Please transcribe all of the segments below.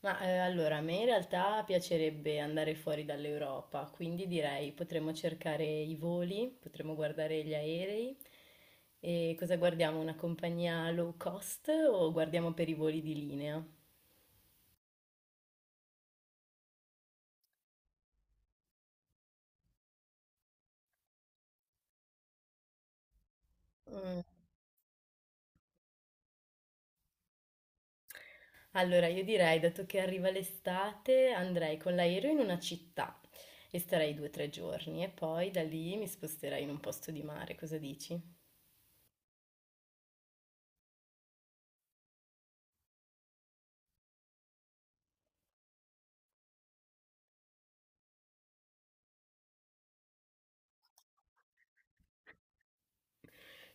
Ma allora, a me in realtà piacerebbe andare fuori dall'Europa, quindi direi potremmo cercare i voli, potremmo guardare gli aerei. E cosa guardiamo? Una compagnia low cost o guardiamo per i voli di linea? Mm. Allora, io direi, dato che arriva l'estate, andrei con l'aereo in una città e starei 2 o 3 giorni e poi da lì mi sposterei in un posto di mare. Cosa dici?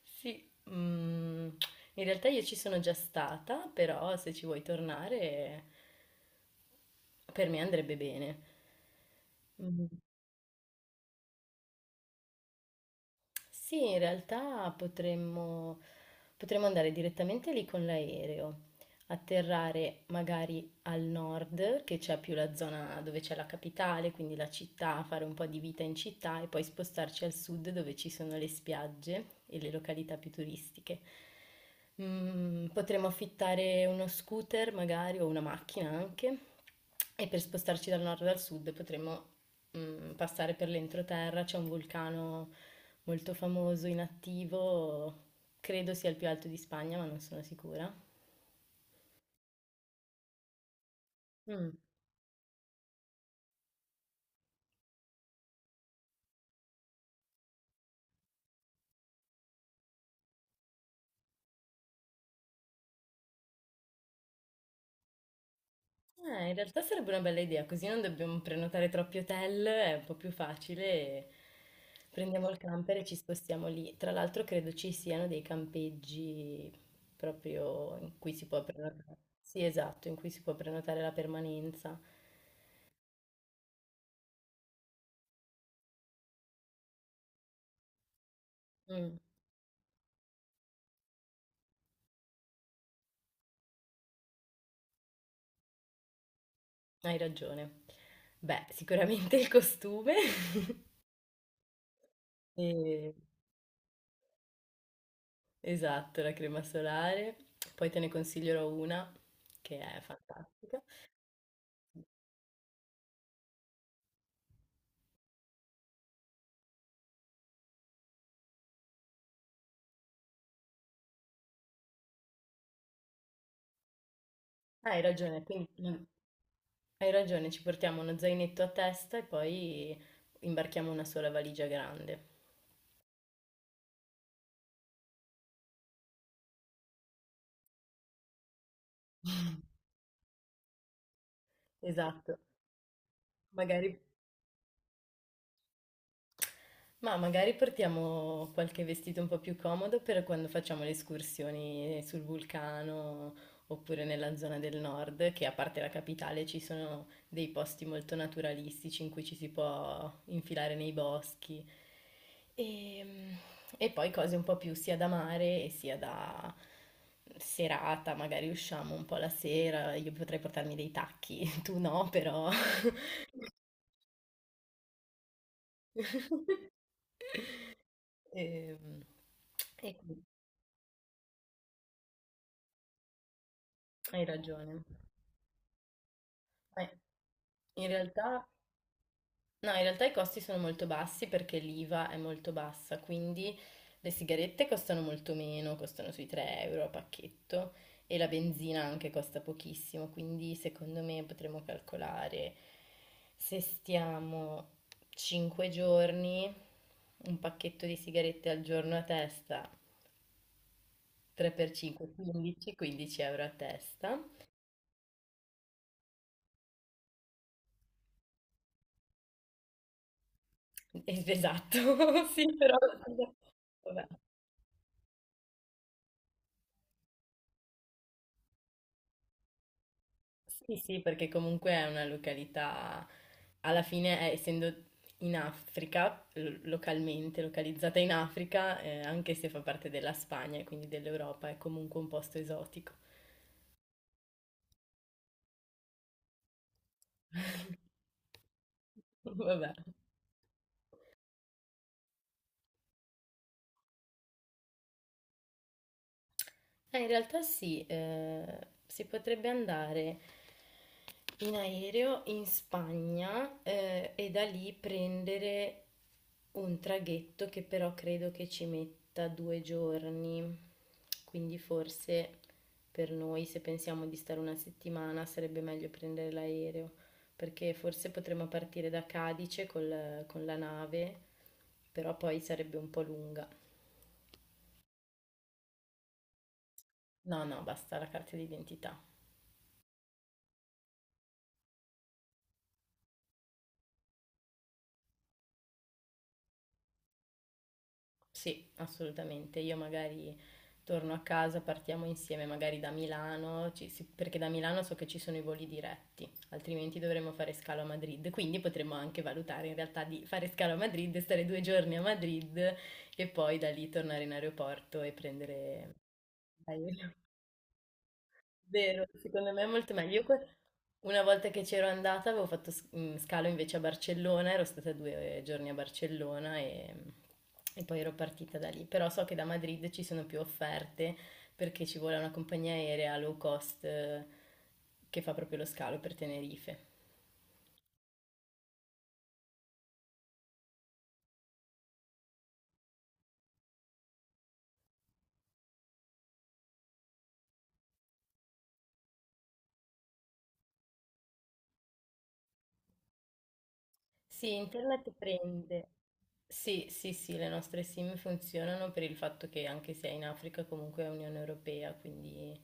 Sì, in realtà io ci sono già stata, però se ci vuoi tornare per me andrebbe bene. Sì, in realtà potremmo andare direttamente lì con l'aereo, atterrare magari al nord, che c'è più la zona dove c'è la capitale, quindi la città, fare un po' di vita in città e poi spostarci al sud dove ci sono le spiagge e le località più turistiche. Mm, potremmo affittare uno scooter magari o una macchina anche e per spostarci dal nord al sud potremmo passare per l'entroterra. C'è un vulcano molto famoso, inattivo, credo sia il più alto di Spagna, ma non sono sicura. Mm. In realtà sarebbe una bella idea, così non dobbiamo prenotare troppi hotel, è un po' più facile. Prendiamo il camper e ci spostiamo lì. Tra l'altro credo ci siano dei campeggi proprio in cui si può prenotare. Sì, esatto, in cui si può prenotare la permanenza. Mm, hai ragione. Beh, sicuramente il costume. E Esatto, la crema solare. Poi te ne consiglierò una che è fantastica. Hai ragione, quindi hai ragione, ci portiamo uno zainetto a testa e poi imbarchiamo una sola valigia grande. Esatto, magari Ma magari portiamo qualche vestito un po' più comodo per quando facciamo le escursioni sul vulcano oppure nella zona del nord, che a parte la capitale ci sono dei posti molto naturalistici in cui ci si può infilare nei boschi. E, e poi cose un po' più sia da mare e sia da serata, magari usciamo un po' la sera, io potrei portarmi dei tacchi, tu no, però... Ehm, E, Hai ragione. Eh, In realtà, no, in realtà i costi sono molto bassi perché l'IVA è molto bassa, quindi le sigarette costano molto meno, costano sui 3 € a pacchetto e la benzina anche costa pochissimo, quindi secondo me potremmo calcolare se stiamo 5 giorni, un pacchetto di sigarette al giorno a testa, 3 per 5, 15, 15 € a testa. Esatto, sì, però... Vabbè. Sì, sì, perché comunque è una località, alla fine, essendo in Africa, localmente, localizzata in Africa, anche se fa parte della Spagna e quindi dell'Europa, è comunque un posto esotico. Vabbè. In realtà sì, si potrebbe andare in aereo in Spagna e da lì prendere un traghetto che però credo che ci metta 2 giorni. Quindi forse per noi, se pensiamo di stare una settimana, sarebbe meglio prendere l'aereo, perché forse potremmo partire da Cadice con la nave, però poi sarebbe un po' lunga. No, no, basta la carta d'identità. Sì, assolutamente. Io magari torno a casa, partiamo insieme magari da Milano, sì, perché da Milano so che ci sono i voli diretti, altrimenti dovremmo fare scalo a Madrid. Quindi potremmo anche valutare in realtà di fare scalo a Madrid, stare 2 giorni a Madrid e poi da lì tornare in aeroporto e prendere l'aereo. Vero, secondo me è molto meglio. Una volta che c'ero andata avevo fatto scalo invece a Barcellona, ero stata due giorni a Barcellona e poi ero partita da lì. Però so che da Madrid ci sono più offerte perché ci vuole una compagnia aerea low cost che fa proprio lo scalo per Tenerife. Sì, internet prende. Sì, sì, sì, le nostre SIM funzionano per il fatto che anche se è in Africa comunque è Unione Europea, quindi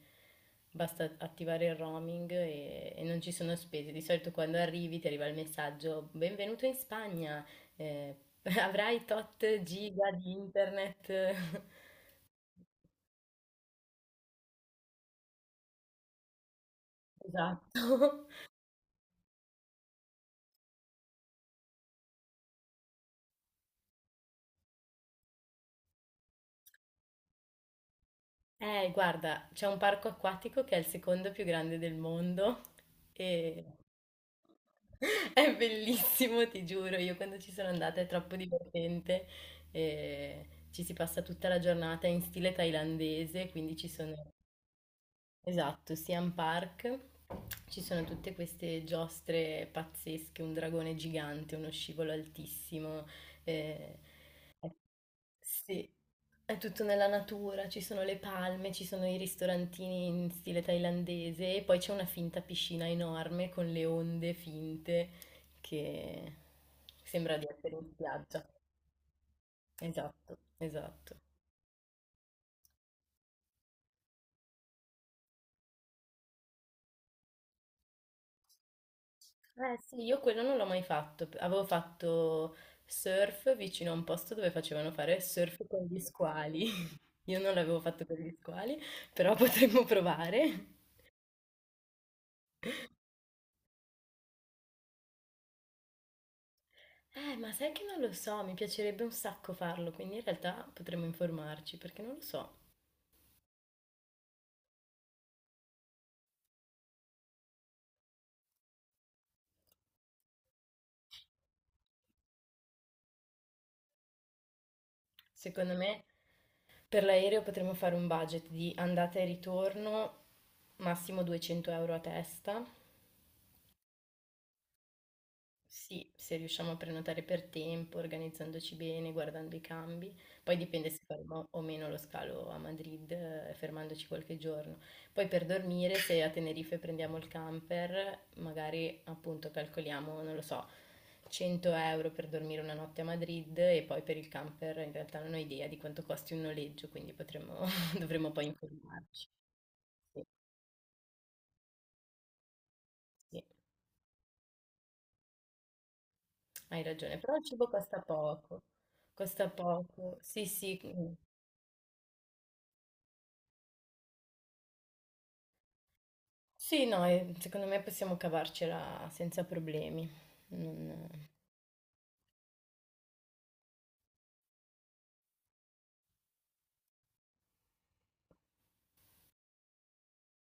basta attivare il roaming e non ci sono spese. Di solito quando arrivi ti arriva il messaggio, benvenuto in Spagna, eh, avrai tot giga di internet. Esatto. Guarda, c'è un parco acquatico che è il secondo più grande del mondo e è bellissimo, ti giuro. Io quando ci sono andata è troppo divertente. E ci si passa tutta la giornata in stile thailandese, quindi ci sono, esatto, Siam Park. Ci sono tutte queste giostre pazzesche, un dragone gigante, uno scivolo altissimo. Eh, sì, è tutto nella natura, ci sono le palme, ci sono i ristorantini in stile thailandese e poi c'è una finta piscina enorme con le onde finte che sembra di essere in spiaggia. Esatto, esatto. Eh sì, io quello non l'ho mai fatto. Avevo fatto surf vicino a un posto dove facevano fare surf con gli squali. Io non l'avevo fatto per gli squali, però potremmo provare. Ma sai che non lo so, mi piacerebbe un sacco farlo, quindi in realtà potremmo informarci, perché non lo so. Secondo me per l'aereo potremmo fare un budget di andata e ritorno, massimo 200 € a testa. Sì, se riusciamo a prenotare per tempo, organizzandoci bene, guardando i cambi. Poi dipende se faremo o meno lo scalo a Madrid, fermandoci qualche giorno. Poi per dormire, se a Tenerife prendiamo il camper, magari appunto calcoliamo, non lo so, 100 € per dormire una notte a Madrid e poi per il camper in realtà non ho idea di quanto costi un noleggio, quindi potremmo, dovremmo poi informarci. Sì, sì, hai ragione, però il cibo costa poco, costa poco. Sì, sì, mm. Sì, no, e secondo me possiamo cavarcela senza problemi. Non-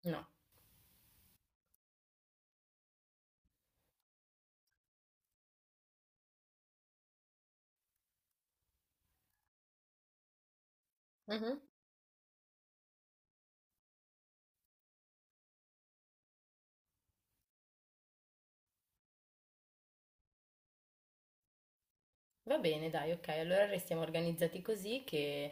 No. Mhm. Va bene, dai, ok, allora restiamo organizzati così che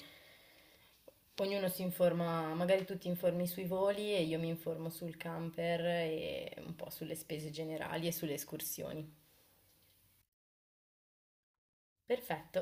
ognuno si informa, magari tu ti informi sui voli e io mi informo sul camper e un po' sulle spese generali e sulle escursioni. Perfetto.